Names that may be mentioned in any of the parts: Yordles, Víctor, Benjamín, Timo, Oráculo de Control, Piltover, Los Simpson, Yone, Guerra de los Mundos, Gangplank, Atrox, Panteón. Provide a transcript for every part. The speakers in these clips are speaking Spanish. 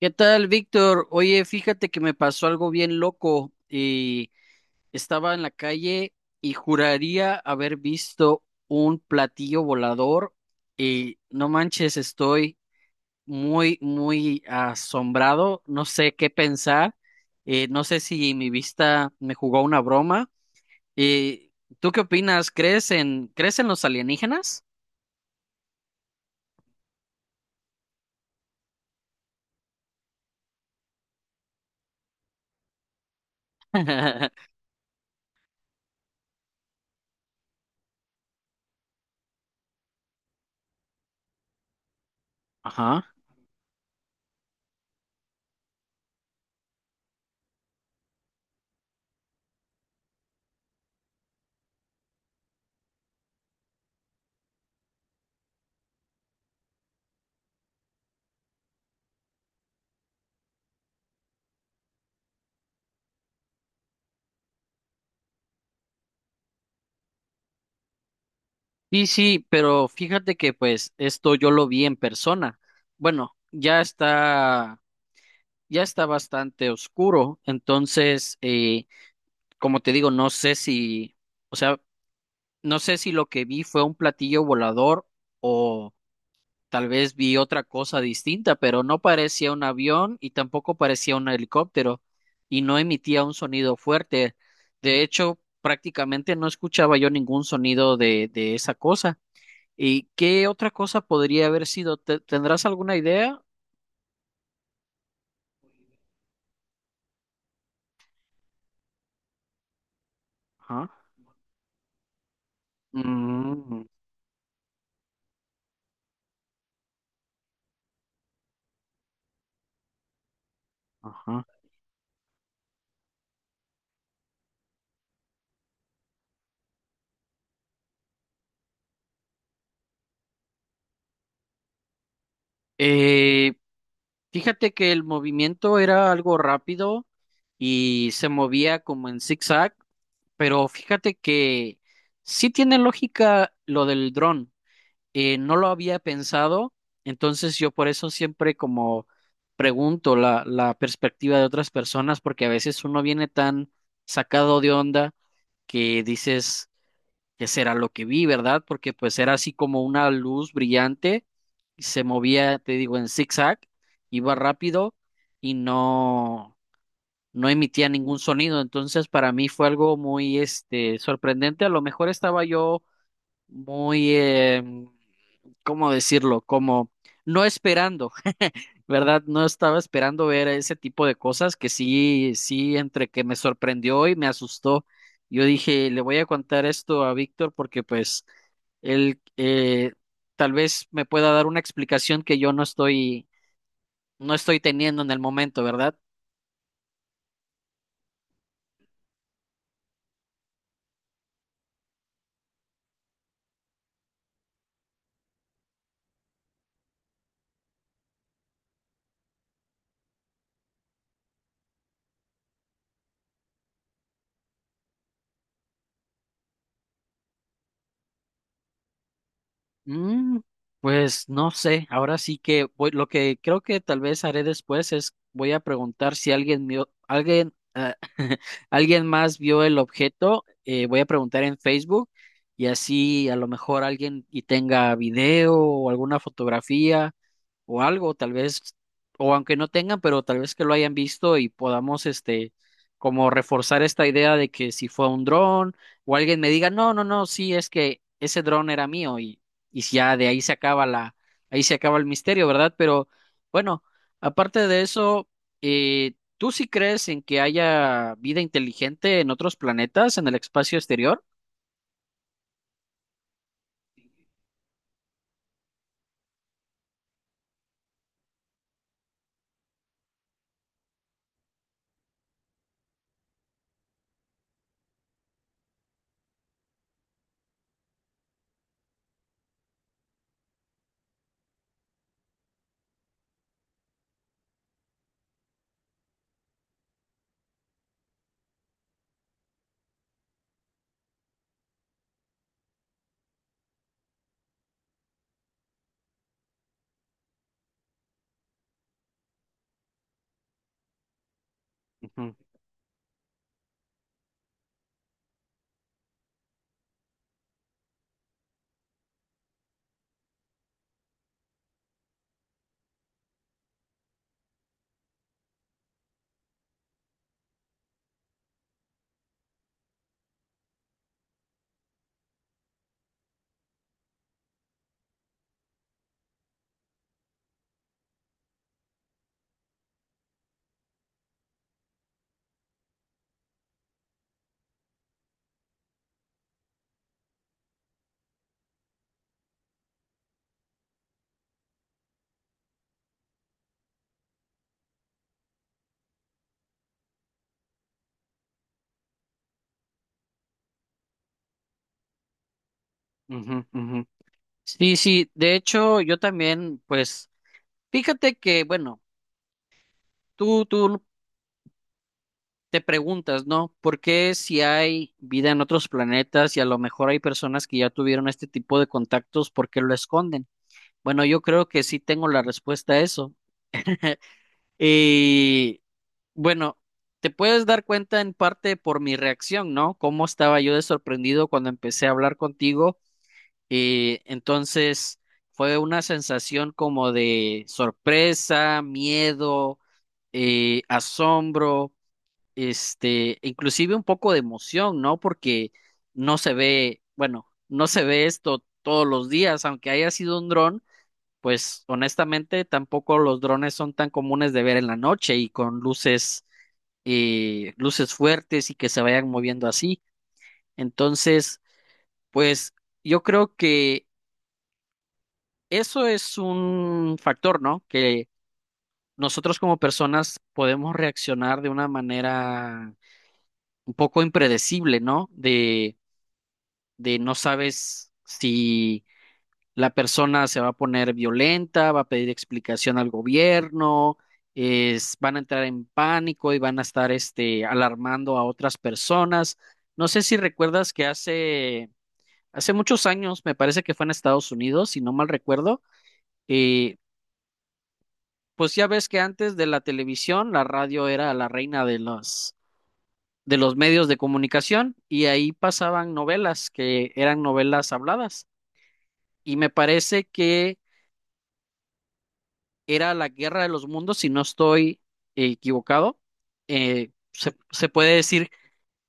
¿Qué tal, Víctor? Oye, fíjate que me pasó algo bien loco y estaba en la calle y juraría haber visto un platillo volador y no manches, estoy muy, muy asombrado, no sé qué pensar, no sé si mi vista me jugó una broma. Eh, ¿Tú qué opinas? ¿Crees en los alienígenas? Ajá. Sí, sí, pero fíjate que pues esto yo lo vi en persona. Bueno, ya está bastante oscuro, entonces, como te digo, no sé si, o sea, no sé si lo que vi fue un platillo volador o tal vez vi otra cosa distinta, pero no parecía un avión y tampoco parecía un helicóptero y no emitía un sonido fuerte. De hecho, prácticamente no escuchaba yo ningún sonido de esa cosa. ¿Y qué otra cosa podría haber sido? ¿Tendrás alguna idea? Ajá. Mm, ajá. Eh, fíjate que el movimiento era algo rápido y se movía como en zigzag, pero fíjate que sí tiene lógica lo del dron. No lo había pensado, entonces yo por eso siempre como pregunto la perspectiva de otras personas, porque a veces uno viene tan sacado de onda que dices, qué será lo que vi, ¿verdad? Porque pues era así como una luz brillante, y se movía, te digo, en zigzag, iba rápido y no emitía ningún sonido. Entonces, para mí fue algo muy, este, sorprendente. A lo mejor estaba yo muy, ¿cómo decirlo? Como no esperando. ¿Verdad? No estaba esperando ver ese tipo de cosas que sí, sí, entre que me sorprendió y me asustó. Yo dije, le voy a contar esto a Víctor porque pues él tal vez me pueda dar una explicación que yo no estoy teniendo en el momento, ¿verdad? Mm, pues no sé, ahora sí que lo que creo que tal vez haré después es voy a preguntar si alguien vio, alguien, ah, alguien más vio el objeto, voy a preguntar en Facebook y así a lo mejor alguien y tenga video o alguna fotografía o algo, tal vez, o aunque no tengan, pero tal vez que lo hayan visto y podamos, este, como reforzar esta idea de que si fue un dron o alguien me diga, no, no, no, sí, es que ese dron era mío y si ya de ahí ahí se acaba el misterio, ¿verdad? Pero bueno, aparte de eso, ¿tú sí crees en que haya vida inteligente en otros planetas, en el espacio exterior? Ujú, ujú, ujú. Sí, sí, de hecho, yo también, pues, fíjate que, bueno, tú te preguntas, ¿no? ¿Por qué si hay vida en otros planetas y a lo mejor hay personas que ya tuvieron este tipo de contactos, por qué lo esconden? Bueno, yo creo que sí tengo la respuesta a eso. Y bueno, te puedes dar cuenta en parte por mi reacción, ¿no? Cómo estaba yo de sorprendido cuando empecé a hablar contigo. Y entonces fue una sensación como de sorpresa, miedo, asombro. Este, inclusive un poco de emoción, ¿no? Porque no se ve, bueno, no se ve esto todos los días, aunque haya sido un dron, pues honestamente tampoco los drones son tan comunes de ver en la noche y con luces, luces fuertes y que se vayan moviendo así. Entonces, pues yo creo que eso es un factor, ¿no? Que nosotros como personas podemos reaccionar de una manera un poco impredecible, ¿no? De no sabes si la persona se va a poner violenta, va a pedir explicación al gobierno, es, van a entrar en pánico y van a estar este, alarmando a otras personas. No sé si recuerdas que hace muchos años, me parece que fue en Estados Unidos, si no mal recuerdo, eh, pues ya ves que antes de la televisión, la radio era la reina de los, medios de comunicación y ahí pasaban novelas que eran novelas habladas. Y me parece que era la Guerra de los Mundos, si no estoy equivocado. Eh, se puede decir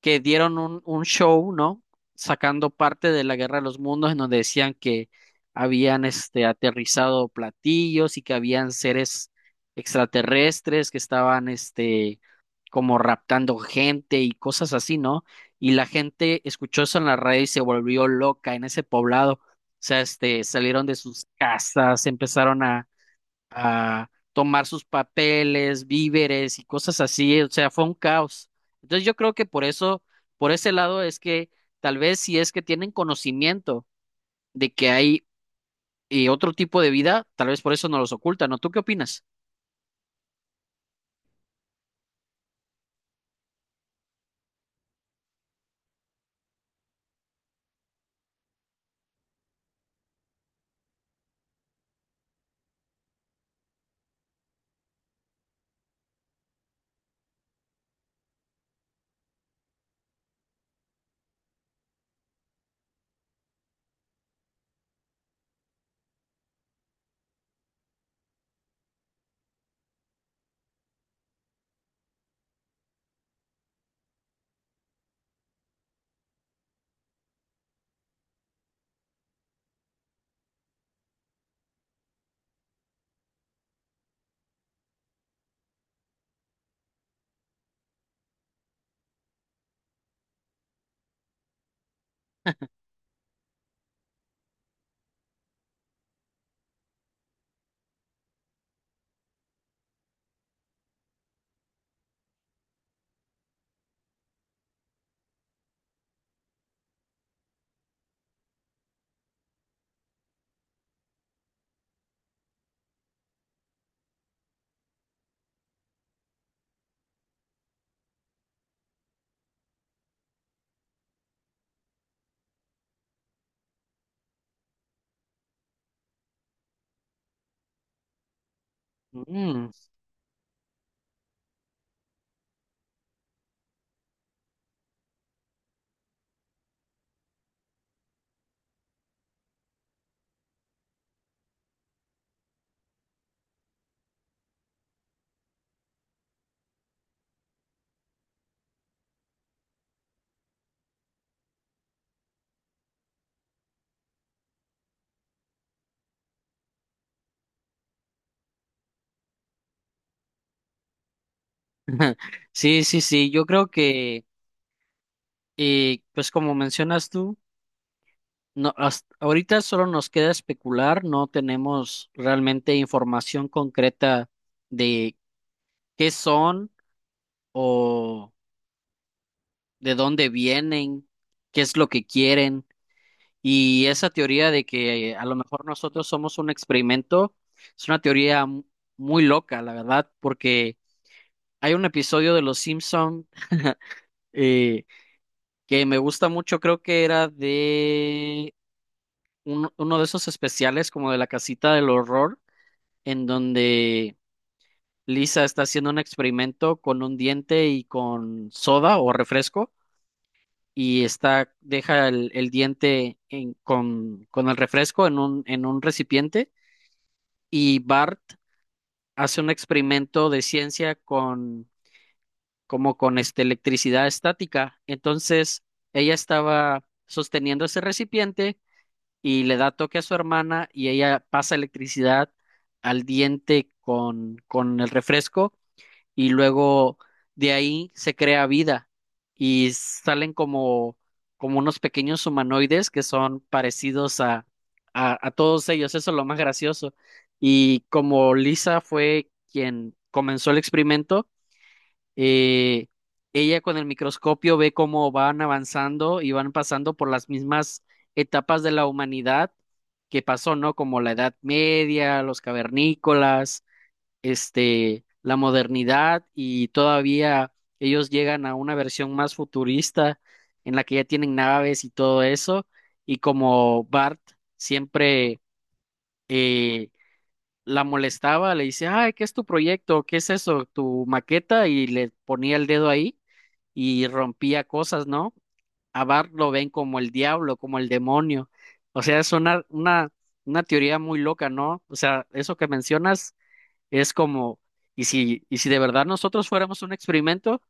que dieron un show, ¿no? Sacando parte de la Guerra de los Mundos, en donde decían que habían este, aterrizado platillos y que habían seres extraterrestres que estaban este, como raptando gente y cosas así, ¿no? Y la gente escuchó eso en la radio y se volvió loca en ese poblado. O sea, este, salieron de sus casas, empezaron a tomar sus papeles, víveres y cosas así, o sea, fue un caos. Entonces yo creo que por eso, por ese lado es que tal vez si es que tienen conocimiento de que hay otro tipo de vida, tal vez por eso no los ocultan, ¿no? ¿Tú qué opinas? Mm. Sí, sí, sí, yo creo que, pues como mencionas tú, no, hasta ahorita solo nos queda especular, no tenemos realmente información concreta de qué son o de dónde vienen, qué es lo que quieren. Y esa teoría de que a lo mejor nosotros somos un experimento es una teoría muy loca, la verdad, porque hay un episodio de Los Simpson eh, que me gusta mucho, creo que era de uno de esos especiales como de la casita del horror, en donde Lisa está haciendo un experimento con un diente y con soda o refresco y está, deja el diente con el refresco en un recipiente y Bart hace un experimento de ciencia con, como con este, electricidad estática. Entonces, ella estaba sosteniendo ese recipiente y le da toque a su hermana y ella pasa electricidad al diente con el refresco y luego de ahí se crea vida y salen como unos pequeños humanoides que son parecidos a, a todos ellos, eso es lo más gracioso. Y como Lisa fue quien comenzó el experimento, eh, ella con el microscopio ve cómo van avanzando y van pasando por las mismas etapas de la humanidad que pasó, ¿no? Como la Edad Media, los cavernícolas este, la modernidad y todavía ellos llegan a una versión más futurista en la que ya tienen naves y todo eso. Y como Bart siempre eh, la molestaba, le dice, ay, ¿qué es tu proyecto? ¿Qué es eso? ¿Tu maqueta? Y le ponía el dedo ahí y rompía cosas, ¿no? A Bart lo ven como el diablo, como el demonio. O sea, es una teoría muy loca, ¿no? O sea, eso que mencionas es como, y si de verdad nosotros fuéramos un experimento,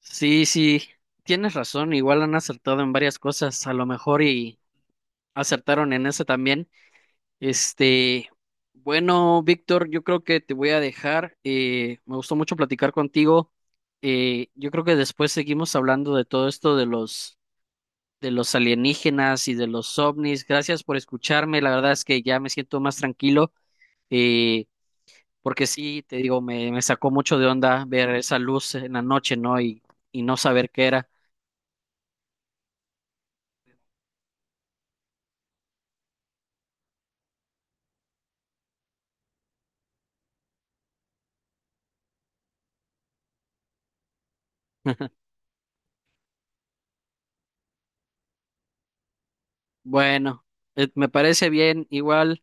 sí, sí, tienes razón, igual han acertado en varias cosas, a lo mejor y acertaron en esa también. Este, bueno, Víctor, yo creo que te voy a dejar, me gustó mucho platicar contigo. Yo creo que después seguimos hablando de todo esto de los, alienígenas y de los ovnis. Gracias por escucharme, la verdad es que ya me siento más tranquilo. eh, Porque sí, te digo, me sacó mucho de onda ver esa luz en la noche, ¿no? Y no saber qué era. Bueno, me parece bien, igual,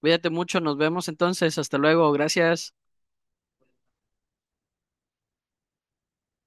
cuídate mucho, nos vemos entonces, hasta luego, gracias.